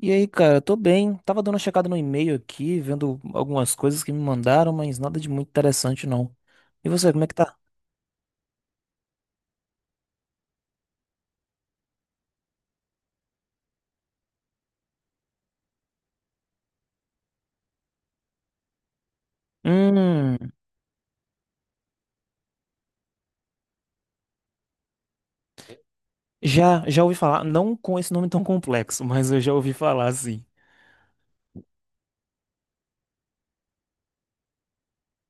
E aí, cara, tô bem. Tava dando uma checada no e-mail aqui, vendo algumas coisas que me mandaram, mas nada de muito interessante, não. E você, como é que tá? Hum, já ouvi falar, não com esse nome tão complexo, mas eu já ouvi falar, sim.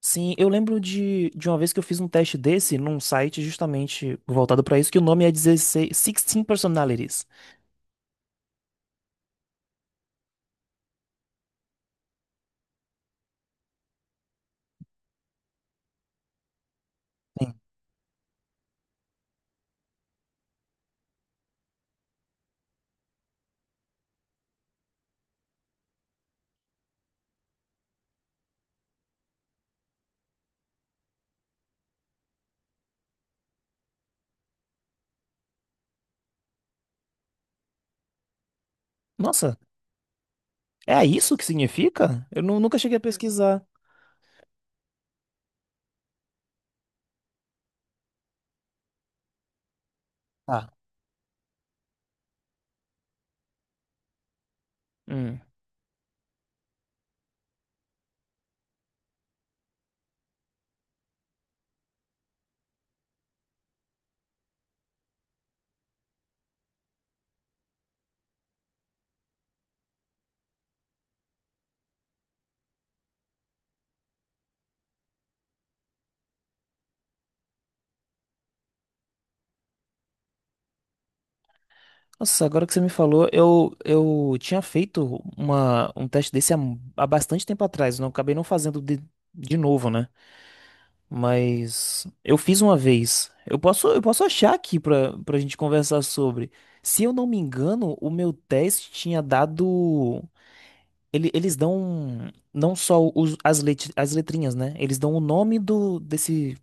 Sim, eu lembro de uma vez que eu fiz um teste desse num site justamente voltado pra isso, que o nome é 16 Personalities. Nossa, é isso que significa? Nunca cheguei a pesquisar. Tá. Hum. Nossa, agora que você me falou, eu tinha feito um teste desse há, há bastante tempo atrás, não acabei não fazendo de novo, né? Mas eu fiz uma vez. Eu posso achar aqui pra, pra gente conversar sobre. Se eu não me engano, o meu teste tinha dado. Ele, eles dão não só as letrinhas, né? Eles dão o nome do, desse.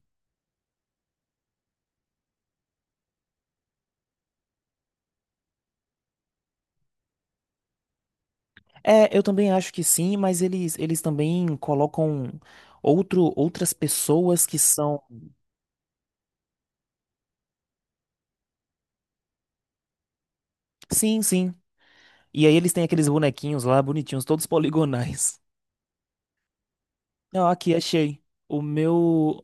É, eu também acho que sim, mas eles também colocam outras pessoas que são. Sim, sim. E aí eles têm aqueles bonequinhos lá, bonitinhos, todos poligonais. Não, aqui, achei. O meu.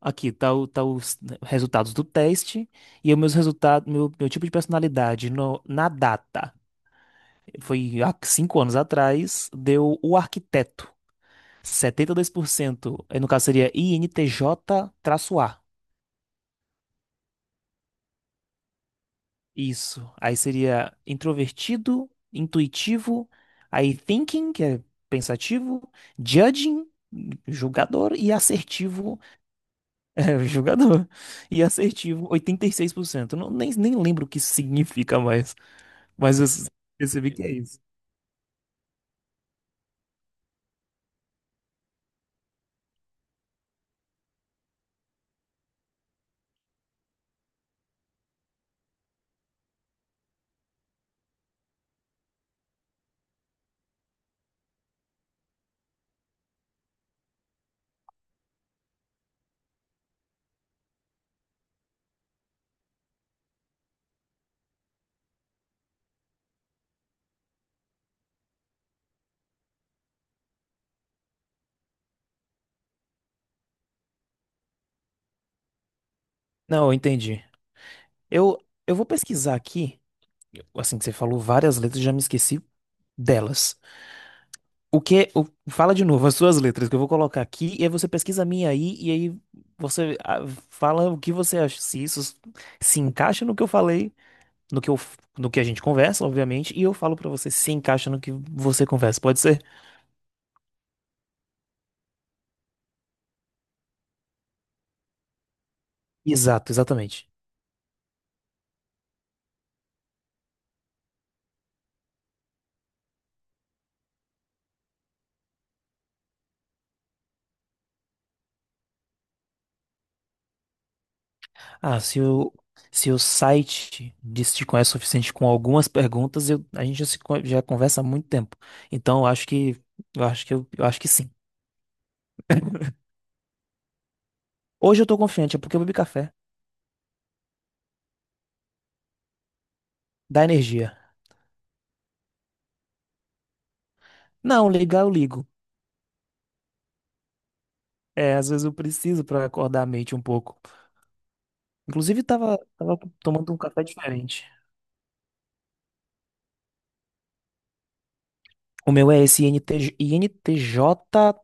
Aqui, tá, tá os resultados do teste e o meus resultados, meu tipo de personalidade no, na data. Foi há cinco anos atrás, deu o arquiteto. Setenta e dois por cento. No caso seria INTJ-A. Isso. Aí seria introvertido, intuitivo, aí thinking, que é pensativo, judging, julgador, e assertivo. É, julgador, e assertivo, oitenta e seis por cento. Não, nem lembro o que isso significa mais, mas percebi que é isso. Não, eu entendi. Eu, eu vou pesquisar aqui, assim que você falou várias letras, já me esqueci delas. Fala de novo as suas letras que eu vou colocar aqui, e aí você pesquisa a minha aí, e aí você fala o que você acha, se isso se encaixa no que eu falei, no que eu, no que a gente conversa, obviamente, e eu falo pra você se encaixa no que você conversa, pode ser? Exato, exatamente. Ah, se o, se o site disse te conhece o suficiente com algumas perguntas, a gente já, se con- já conversa há muito tempo. Então, eu acho que sim. Hoje eu tô confiante, é porque eu bebi café. Dá energia. Não, ligar eu ligo. É, às vezes eu preciso pra acordar a mente um pouco. Inclusive, tava tomando um café diferente. O meu é esse INTJ-A.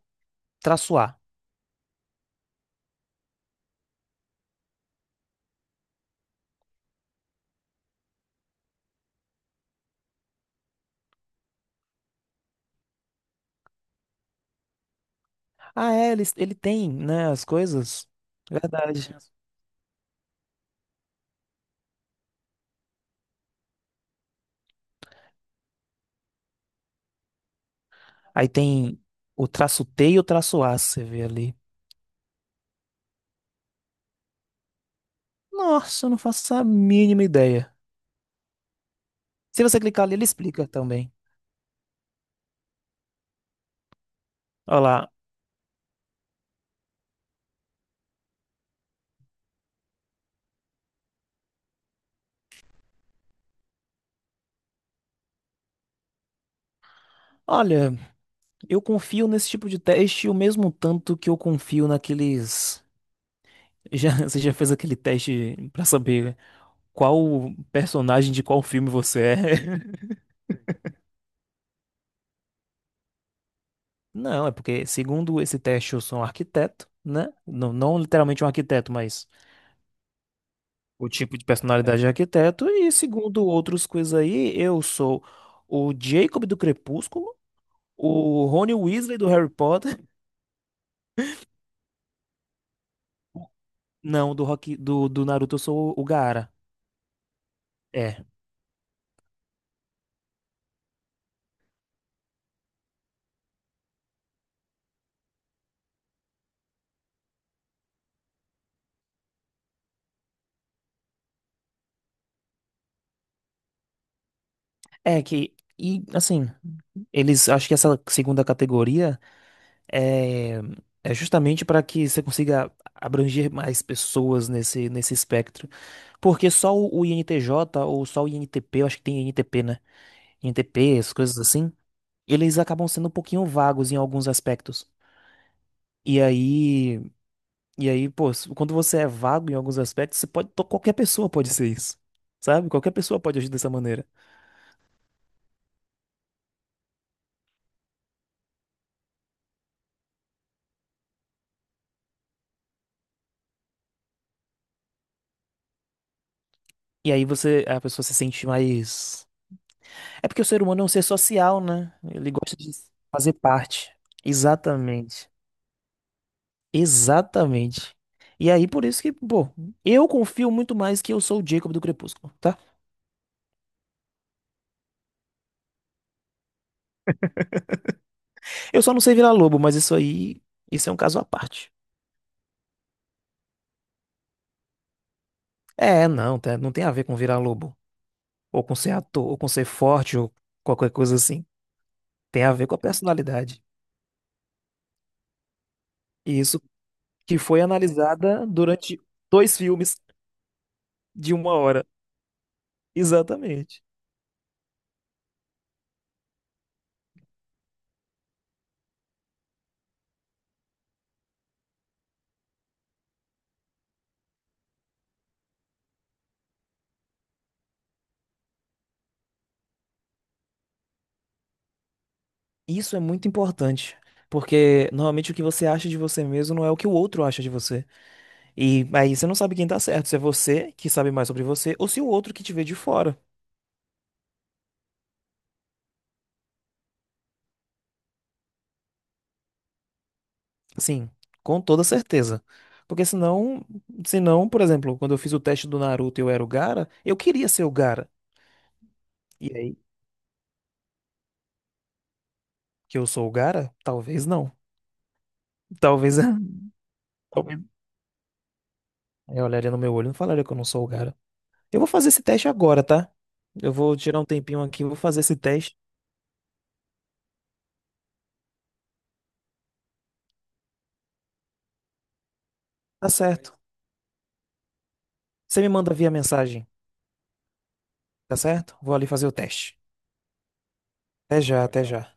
Ah, é, ele tem, né, as coisas. Verdade. Aí tem o traço T e o traço A, você vê ali. Nossa, eu não faço a mínima ideia. Se você clicar ali, ele explica também. Olha lá. Olha, eu confio nesse tipo de teste o mesmo tanto que eu confio naqueles. Já, você já fez aquele teste pra saber, né? Qual personagem de qual filme você é. Não, é porque, segundo esse teste, eu sou um arquiteto, né? Não, não literalmente um arquiteto, mas o tipo de personalidade de arquiteto. E segundo outras coisas aí, eu sou o Jacob do Crepúsculo, o Rony Weasley do Harry Potter. Não, do Naruto eu sou o Gaara. É. É que. E assim, eles acho que essa segunda categoria. É, é justamente para que você consiga abranger mais pessoas nesse espectro. Porque o INTJ ou só o INTP, eu acho que tem INTP, né? INTP, essas coisas assim, eles acabam sendo um pouquinho vagos em alguns aspectos. E aí, e aí, pô, quando você é vago em alguns aspectos, qualquer pessoa pode ser isso. Sabe? Qualquer pessoa pode agir dessa maneira. E aí você, a pessoa se sente mais. É porque o ser humano é um ser social, né? Ele gosta de fazer parte. Exatamente. Exatamente. E aí, por isso que, pô, eu confio muito mais que eu sou o Jacob do Crepúsculo, tá? Eu só não sei virar lobo, mas isso aí, isso é um caso à parte. É, não, não tem a ver com virar lobo, ou com ser ator, ou com ser forte, ou qualquer coisa assim. Tem a ver com a personalidade. E isso que foi analisada durante dois filmes de uma hora. Exatamente. Isso é muito importante, porque normalmente o que você acha de você mesmo não é o que o outro acha de você. E aí você não sabe quem tá certo, se é você que sabe mais sobre você ou se o outro que te vê de fora. Sim, com toda certeza. Porque senão, por exemplo, quando eu fiz o teste do Naruto e eu era o Gaara, eu queria ser o Gaara. E aí que eu sou o Gara? Talvez não. Talvez. Talvez, eu olharia no meu olho e não falaria que eu não sou o Gara. Eu vou fazer esse teste agora, tá? Eu vou tirar um tempinho aqui, vou fazer esse teste. Tá certo. Você me manda via mensagem, tá certo? Vou ali fazer o teste. Até já, até já.